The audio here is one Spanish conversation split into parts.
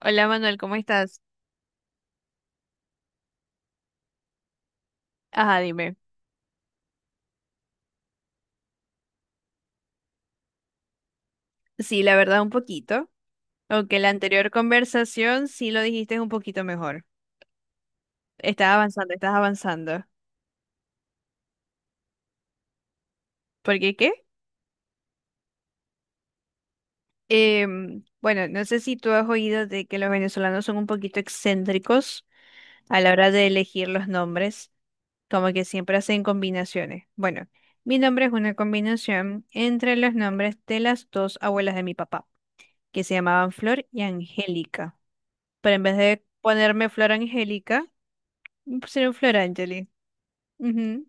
Hola Manuel, ¿cómo estás? Ajá, dime. Sí, la verdad un poquito, aunque la anterior conversación sí lo dijiste un poquito mejor. Estás avanzando, estás avanzando. ¿Por qué qué? Bueno, no sé si tú has oído de que los venezolanos son un poquito excéntricos a la hora de elegir los nombres, como que siempre hacen combinaciones. Bueno, mi nombre es una combinación entre los nombres de las dos abuelas de mi papá, que se llamaban Flor y Angélica. Pero en vez de ponerme Flor Angélica, sería un Flor Angeli. Ujú.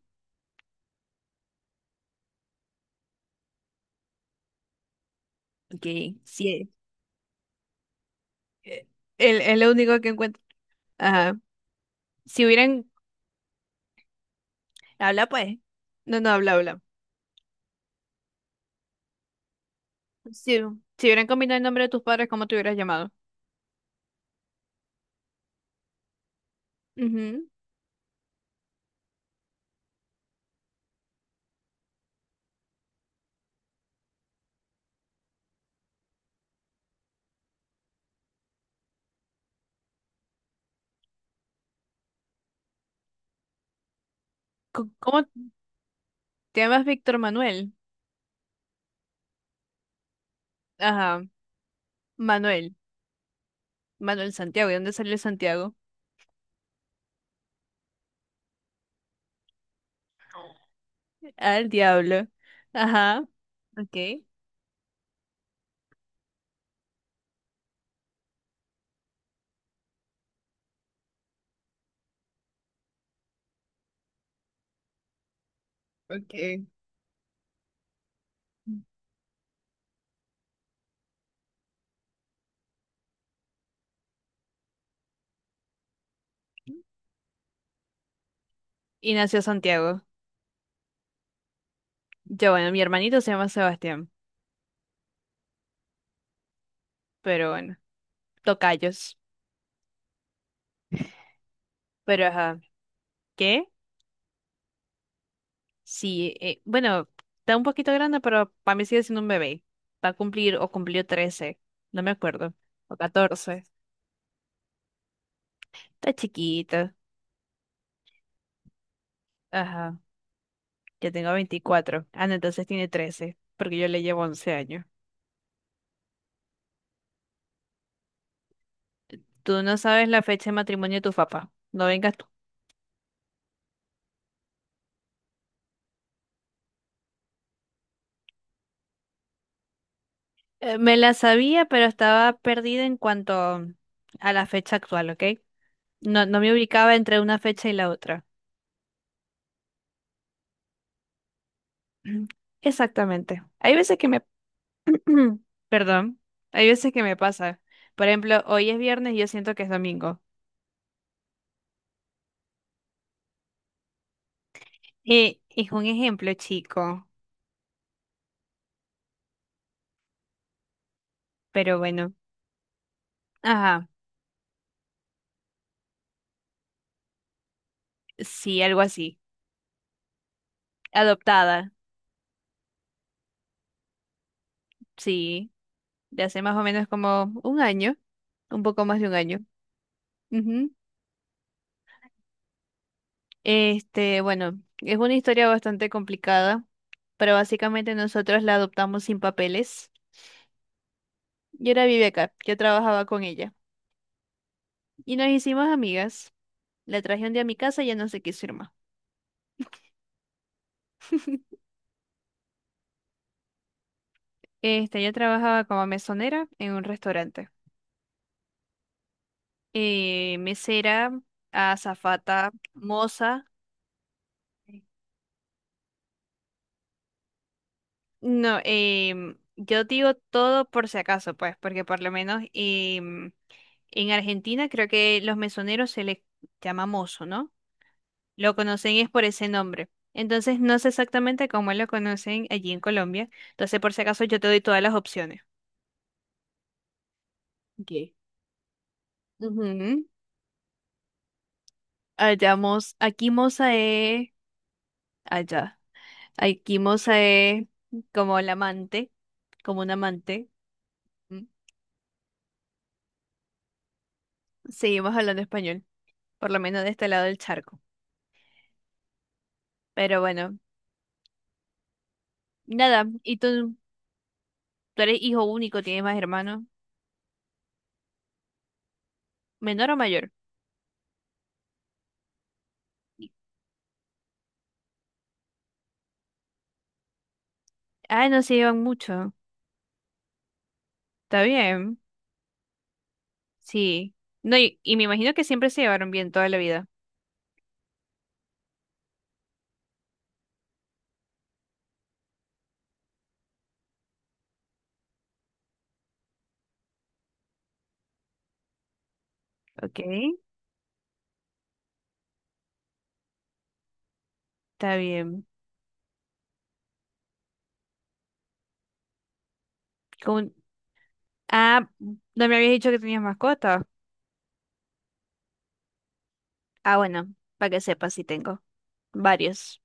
Ok, sí. Eh, él es lo único que encuentro. Ajá. Si hubieran. Habla, pues. No, no, habla, habla. Si, si hubieran combinado el nombre de tus padres, ¿cómo te hubieras llamado? Ujú. ¿Cómo te llamas Víctor Manuel? Ajá. Manuel. Manuel Santiago. ¿De dónde salió el Santiago? Al diablo. Ajá. Ok. Okay. Y nació Santiago. Yo, bueno, mi hermanito se llama Sebastián. Pero bueno, tocayos. Pero ajá. ¿Qué? Sí, bueno, está un poquito grande, pero para mí sigue siendo un bebé. Va a cumplir o cumplió 13, no me acuerdo, o 14. Está chiquito. Ajá, yo tengo 24. Ah, no, entonces tiene 13, porque yo le llevo 11 años. Tú no sabes la fecha de matrimonio de tu papá. No vengas tú. Me la sabía, pero estaba perdida en cuanto a la fecha actual, ¿ok? No, no me ubicaba entre una fecha y la otra. Exactamente. Hay veces que me perdón, hay veces que me pasa. Por ejemplo, hoy es viernes y yo siento que es domingo. Es un ejemplo chico, pero bueno. Ajá, sí, algo así. Adoptada, sí, de hace más o menos como un año, un poco más de un año. Ujú. Este, bueno, es una historia bastante complicada, pero básicamente nosotros la adoptamos sin papeles. Yo ahora vive acá, yo trabajaba con ella y nos hicimos amigas. La traje un día a mi casa y ya no se quiso ir más. Este, yo trabajaba como mesonera en un restaurante. Mesera, azafata, moza. No, yo digo todo por si acaso, pues, porque por lo menos en Argentina creo que los mesoneros se les llama mozo, ¿no? Lo conocen es por ese nombre. Entonces no sé exactamente cómo lo conocen allí en Colombia. Entonces, por si acaso, yo te doy todas las opciones. Ok. Ujú. Allá, aquí moza es allá. Aikimos como el amante, como un amante. ¿M? Seguimos hablando español, por lo menos de este lado del charco. Pero bueno, nada. ¿Y tú eres hijo único, tienes más hermanos? ¿Menor o mayor? Ah, no se llevan mucho. Está bien. Sí. No, y me imagino que siempre se llevaron bien toda la vida. Ok. Está bien. Con- Ah, no me habías dicho que tenías mascota. Ah, bueno, para que sepas, sí tengo varios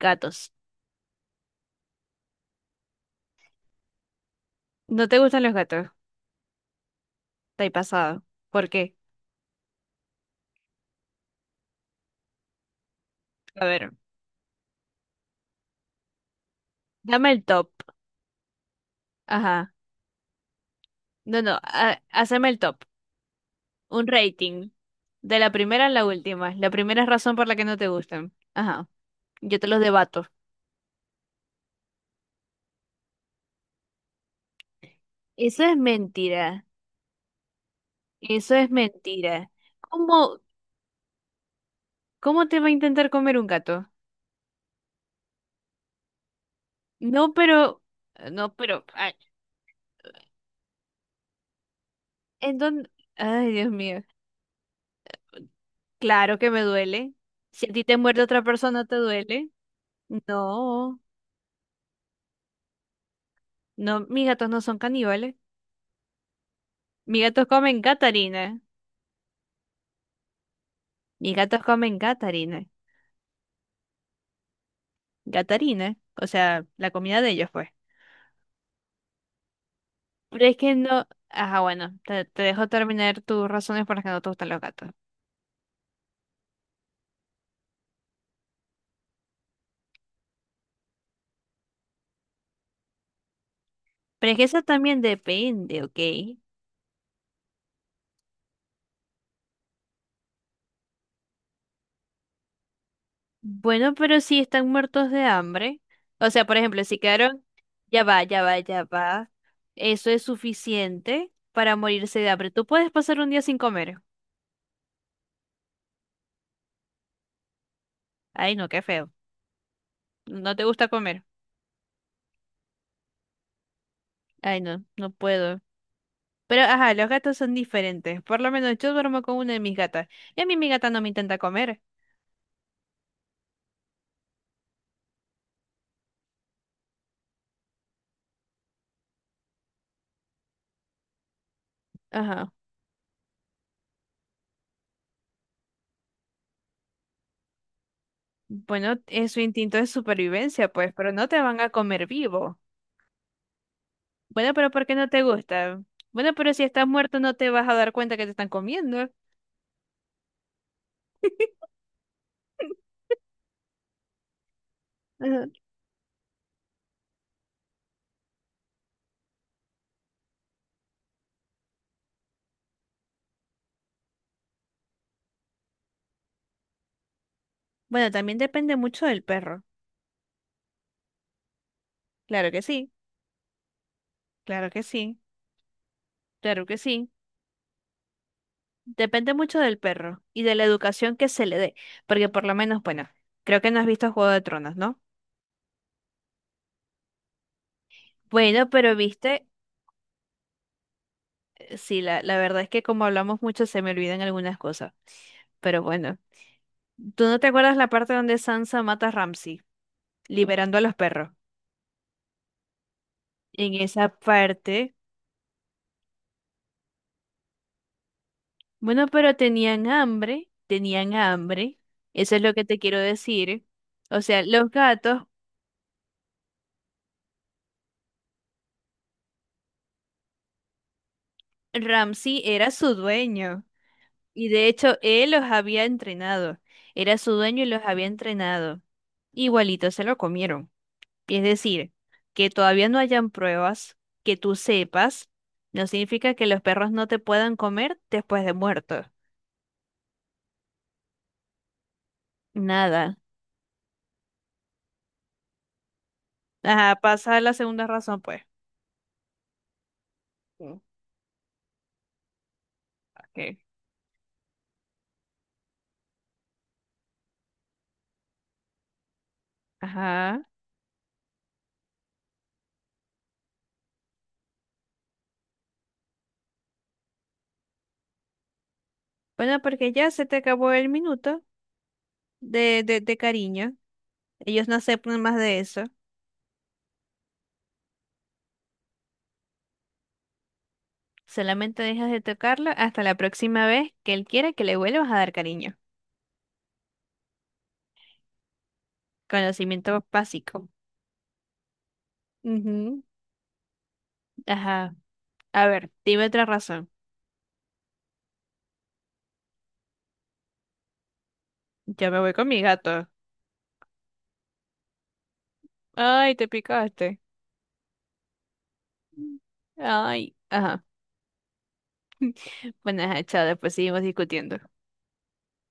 gatos. ¿No te gustan los gatos? Estoy pasado. ¿Por qué? A ver, dame el top. Ajá. No, no, haceme el top. Un rating. De la primera a la última. La primera es razón por la que no te gustan. Ajá. Yo te los debato. Eso es mentira. Eso es mentira. ¿Cómo, cómo te va a intentar comer un gato? No, pero... No, pero... Ay, ¿en dónde? Ay, Dios mío. Claro que me duele. Si a ti te muerde otra persona, ¿te duele? No. No, mis gatos no son caníbales. Mis gatos comen gatarina. Mis gatos comen gatarina. Gatarina. O sea, la comida de ellos, pues. Pero es que no. Ajá, bueno, te dejo terminar tus razones por las que no te gustan los gatos. Pero es que eso también depende, ¿ok? Bueno, pero si están muertos de hambre. O sea, por ejemplo, si quedaron. Ya va, ya va, ya va. Eso es suficiente para morirse de hambre. Tú puedes pasar un día sin comer. Ay, no, qué feo. No te gusta comer. Ay, no, no puedo. Pero, ajá, los gatos son diferentes. Por lo menos yo duermo con una de mis gatas. Y a mí mi gata no me intenta comer. Ajá. Bueno, es su instinto de supervivencia, pues, pero no te van a comer vivo. Bueno, pero ¿por qué no te gusta? Bueno, pero si estás muerto no te vas a dar cuenta que te están comiendo. Ajá. Bueno, también depende mucho del perro. Claro que sí, claro que sí, claro que sí. Depende mucho del perro y de la educación que se le dé. Porque por lo menos, bueno, creo que no has visto Juego de Tronos, ¿no? Bueno, pero viste sí, la verdad es que como hablamos mucho se me olvidan algunas cosas. Pero bueno, ¿tú no te acuerdas la parte donde Sansa mata a Ramsay, liberando a los perros? En esa parte, bueno, pero tenían hambre, eso es lo que te quiero decir. O sea, los gatos, Ramsay era su dueño y de hecho él los había entrenado, era su dueño y los había entrenado. Igualito se lo comieron. Es decir, que todavía no hayan pruebas que tú sepas, no significa que los perros no te puedan comer después de muerto. Nada. Ajá, pasa a la segunda razón, pues. Mm, ok. Ajá. Bueno, porque ya se te acabó el minuto de cariño. Ellos no aceptan más de eso. Solamente dejas de tocarlo hasta la próxima vez que él quiera que le vuelvas a dar cariño. Conocimiento básico. Ujú. Ajá. A ver, dime otra razón. Yo me voy con mi gato. Ay, te picaste. Ay, ajá. Bueno, ajá, chao, después seguimos discutiendo.